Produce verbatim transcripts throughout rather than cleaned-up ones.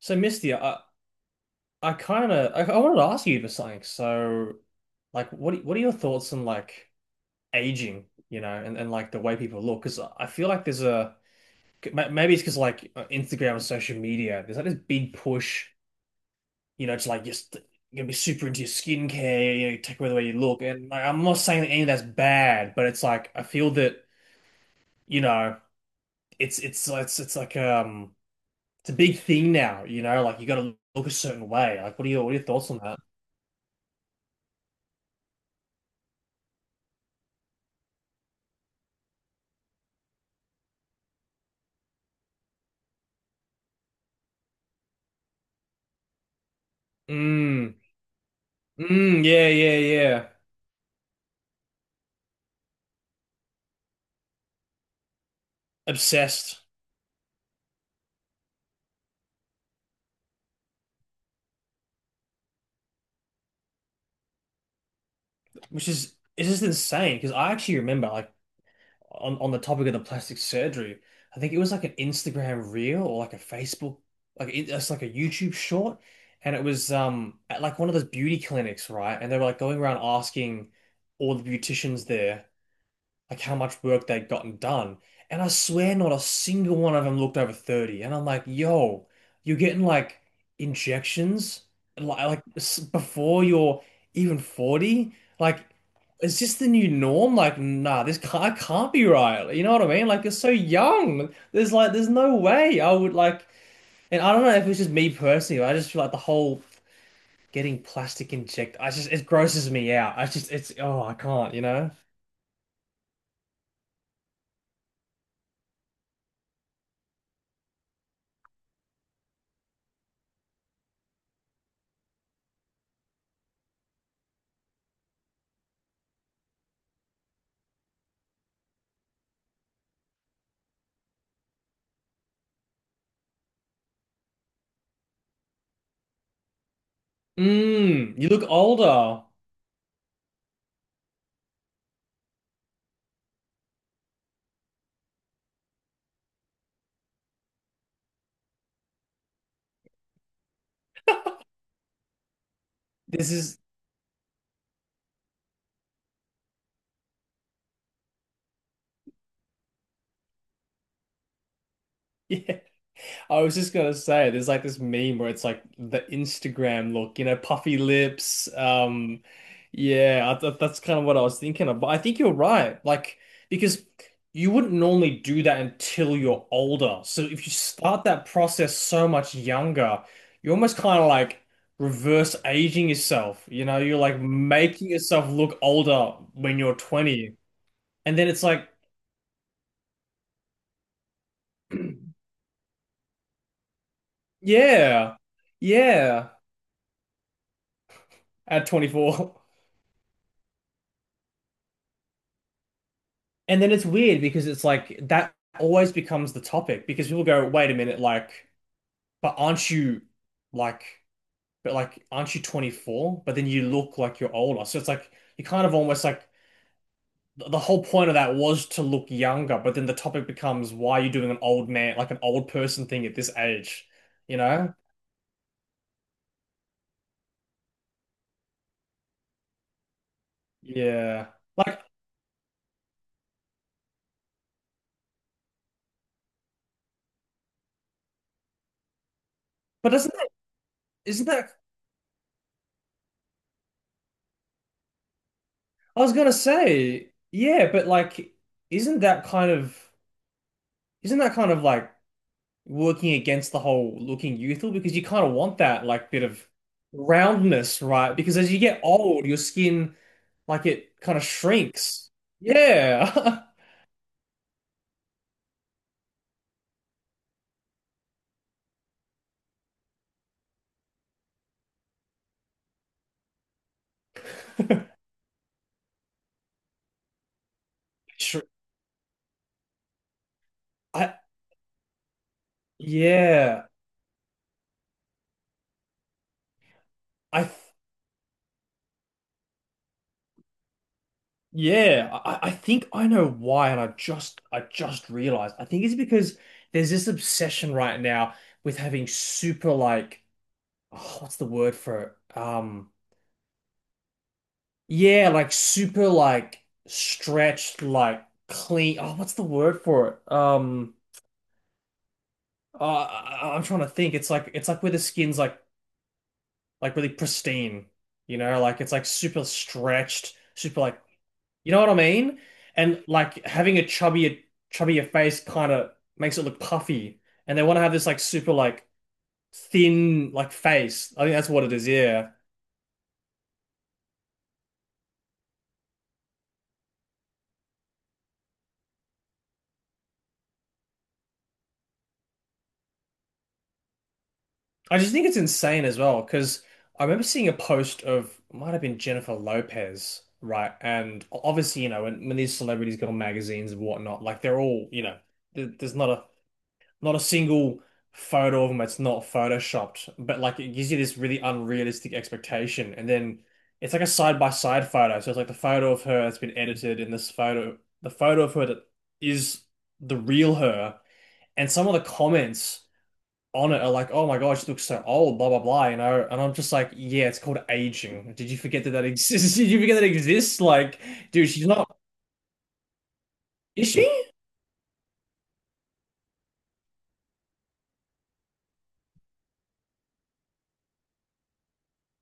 So Misty, I I kind of I, I wanted to ask you for something. So, like, what what are your thoughts on like aging, you know, and, and like the way people look? Because I feel like there's a ma- maybe it's because like uh, Instagram and social media, there's like this big push, you know, to like just you're gonna be super into your skincare, you know, you take away the way you look. And like, I'm not saying that any of that's bad, but it's like I feel that you know it's it's uh, it's it's like um it's a big thing now, you know, like you got to look a certain way. Like, what are your what are your thoughts on that? Mm, yeah, yeah, yeah. Obsessed, which is it's just insane because I actually remember like on on the topic of the plastic surgery, I think it was like an Instagram reel or like a Facebook, like it- it's like a YouTube short, and it was um at like one of those beauty clinics, right? And they were like going around asking all the beauticians there, like how much work they'd gotten done. And I swear not a single one of them looked over thirty. And I'm like, yo, you're getting like injections like, like s- before you're even forty? Like, is this the new norm? Like, nah, this can't, can't be right. You know what I mean? Like, you're so young. There's like, there's no way I would like, and I don't know if it's just me personally, but I just feel like the whole getting plastic inject, I just, it grosses me out. I just, it's, oh, I can't, you know? Mm, you look older. This is, yeah, I was just gonna say, there's like this meme where it's like the Instagram look, you know, puffy lips. Um, yeah, I th that's kind of what I was thinking of. But I think you're right. Like, because you wouldn't normally do that until you're older. So if you start that process so much younger, you're almost kind of like reverse aging yourself. You know, you're like making yourself look older when you're twenty. And then it's like, yeah. Yeah. At twenty-four. And then it's weird because it's like that always becomes the topic because people go, wait a minute, like, but aren't you like, but like, aren't you twenty-four? But then you look like you're older. So it's like, you kind of almost like th- the whole point of that was to look younger, but then the topic becomes why are you doing an old man, like an old person thing at this age, you know? Yeah. Like, but doesn't that, isn't that I was gonna say, yeah, but like, isn't that kind of isn't that kind of like working against the whole looking youthful? Because you kind of want that like bit of roundness, right? Because as you get old, your skin like it kind of shrinks. Yeah, Shr- I yeah, I th yeah, I, I think I know why, and I just I just realized. I think it's because there's this obsession right now with having super like oh, what's the word for it? Um. Yeah, like super like stretched, like clean. Oh, what's the word for it? Um, uh, I- I'm trying to think. It's like it's like where the skin's like like really pristine, you know, like it's like super stretched, super like you know what I mean? And like having a chubbier chubbier face kind of makes it look puffy. And they want to have this like super like thin like face. I think that's what it is. Yeah. I just think it's insane as well because I remember seeing a post of might have been Jennifer Lopez, right? And obviously, you know, when, when these celebrities go on magazines and whatnot, like they're all, you know, there, there's not a not a single photo of them that's not photoshopped, but like it gives you this really unrealistic expectation, and then it's like a side by side photo. So it's like the photo of her that's been edited, and this photo, the photo of her that is the real her, and some of the comments on it are like, oh my God, she looks so old, blah blah blah, you know. And I'm just like, yeah, it's called aging. Did you forget that that exists? Did you forget that it exists? Like, dude, she's not, is she?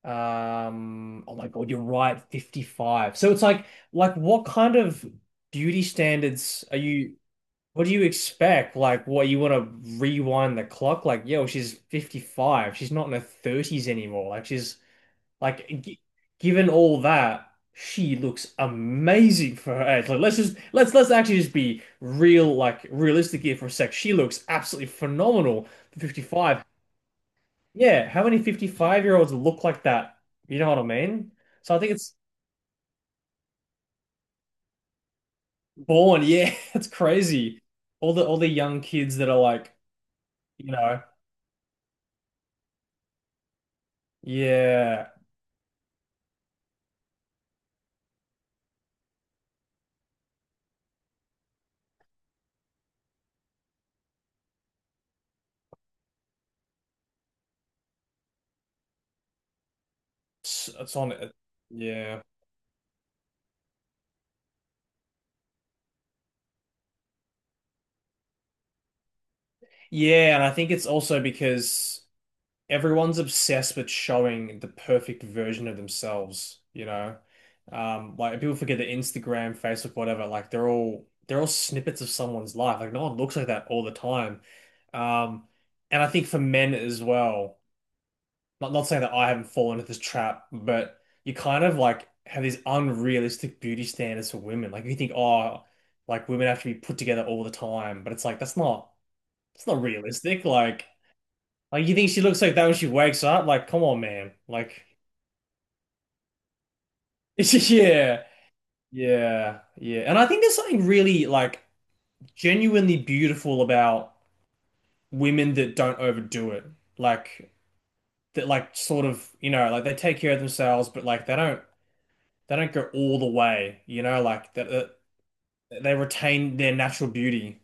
Um, oh my God, you're right, fifty-five. So it's like, like what kind of beauty standards are you? What do you expect? Like, what you want to rewind the clock? Like, yo, she's fifty-five. She's not in her thirties anymore. Like, she's like, g given all that, she looks amazing for her age. Like, let's just let's let's actually just be real, like realistic here for a sec. She looks absolutely phenomenal for fifty-five. Yeah, how many fifty-five year olds look like that? You know what I mean? So I think it's born. Yeah, it's crazy. All the all the young kids that are like, you know, yeah, it's, it's on. Yeah. Yeah, and I think it's also because everyone's obsessed with showing the perfect version of themselves, you know? Um, like people forget that Instagram, Facebook, whatever, like they're all they're all snippets of someone's life. Like no one looks like that all the time. Um, and I think for men as well, not not saying that I haven't fallen into this trap, but you kind of like have these unrealistic beauty standards for women. Like you think, oh, like women have to be put together all the time, but it's like that's not it's not realistic. Like. Like you think she looks like that when she wakes up? Like, come on, man. Like, yeah, yeah, yeah. And I think there's something really like genuinely beautiful about women that don't overdo it. Like that, like sort of, you know, like they take care of themselves, but like they don't, they don't go all the way. You know, like that that they retain their natural beauty.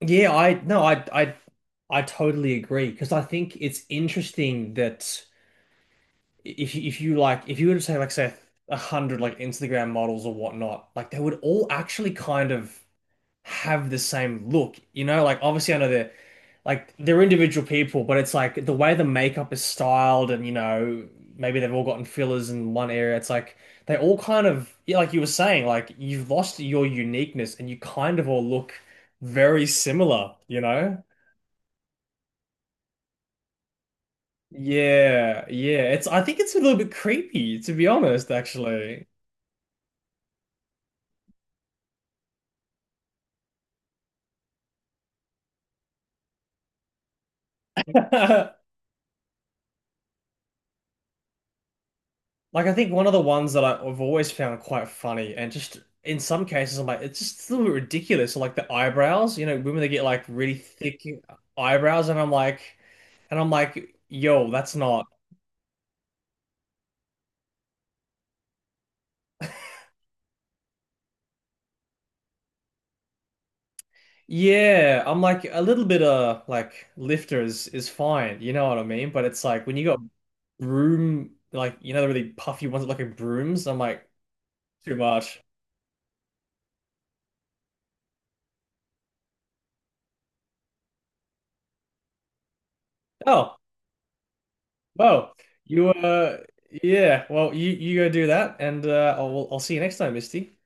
Yeah, I no, I I I totally agree because I think it's interesting that, if you, if you like if you were to say like say a hundred like Instagram models or whatnot, like they would all actually kind of have the same look, you know? Like obviously I know they're like they're individual people, but it's like the way the makeup is styled and you know maybe they've all gotten fillers in one area. It's like they all kind of yeah, like you were saying, like you've lost your uniqueness and you kind of all look very similar, you know? Yeah, yeah. It's I think it's a little bit creepy, to be honest, actually. Like I think one of the ones that I- I've always found quite funny, and just in some cases, I'm like, it's just a little bit ridiculous. Like the eyebrows, you know, women that get like really thick eyebrows, and I'm like, and I'm like, yo, that's not. Yeah, I'm like a little bit of like lifters is fine, you know what I mean? But it's like when you got broom, like you know the really puffy ones that look like brooms. I'm like too much. Oh, well, you uh, yeah. Well, you you go do that, and uh, I'll I'll see you next time, Misty.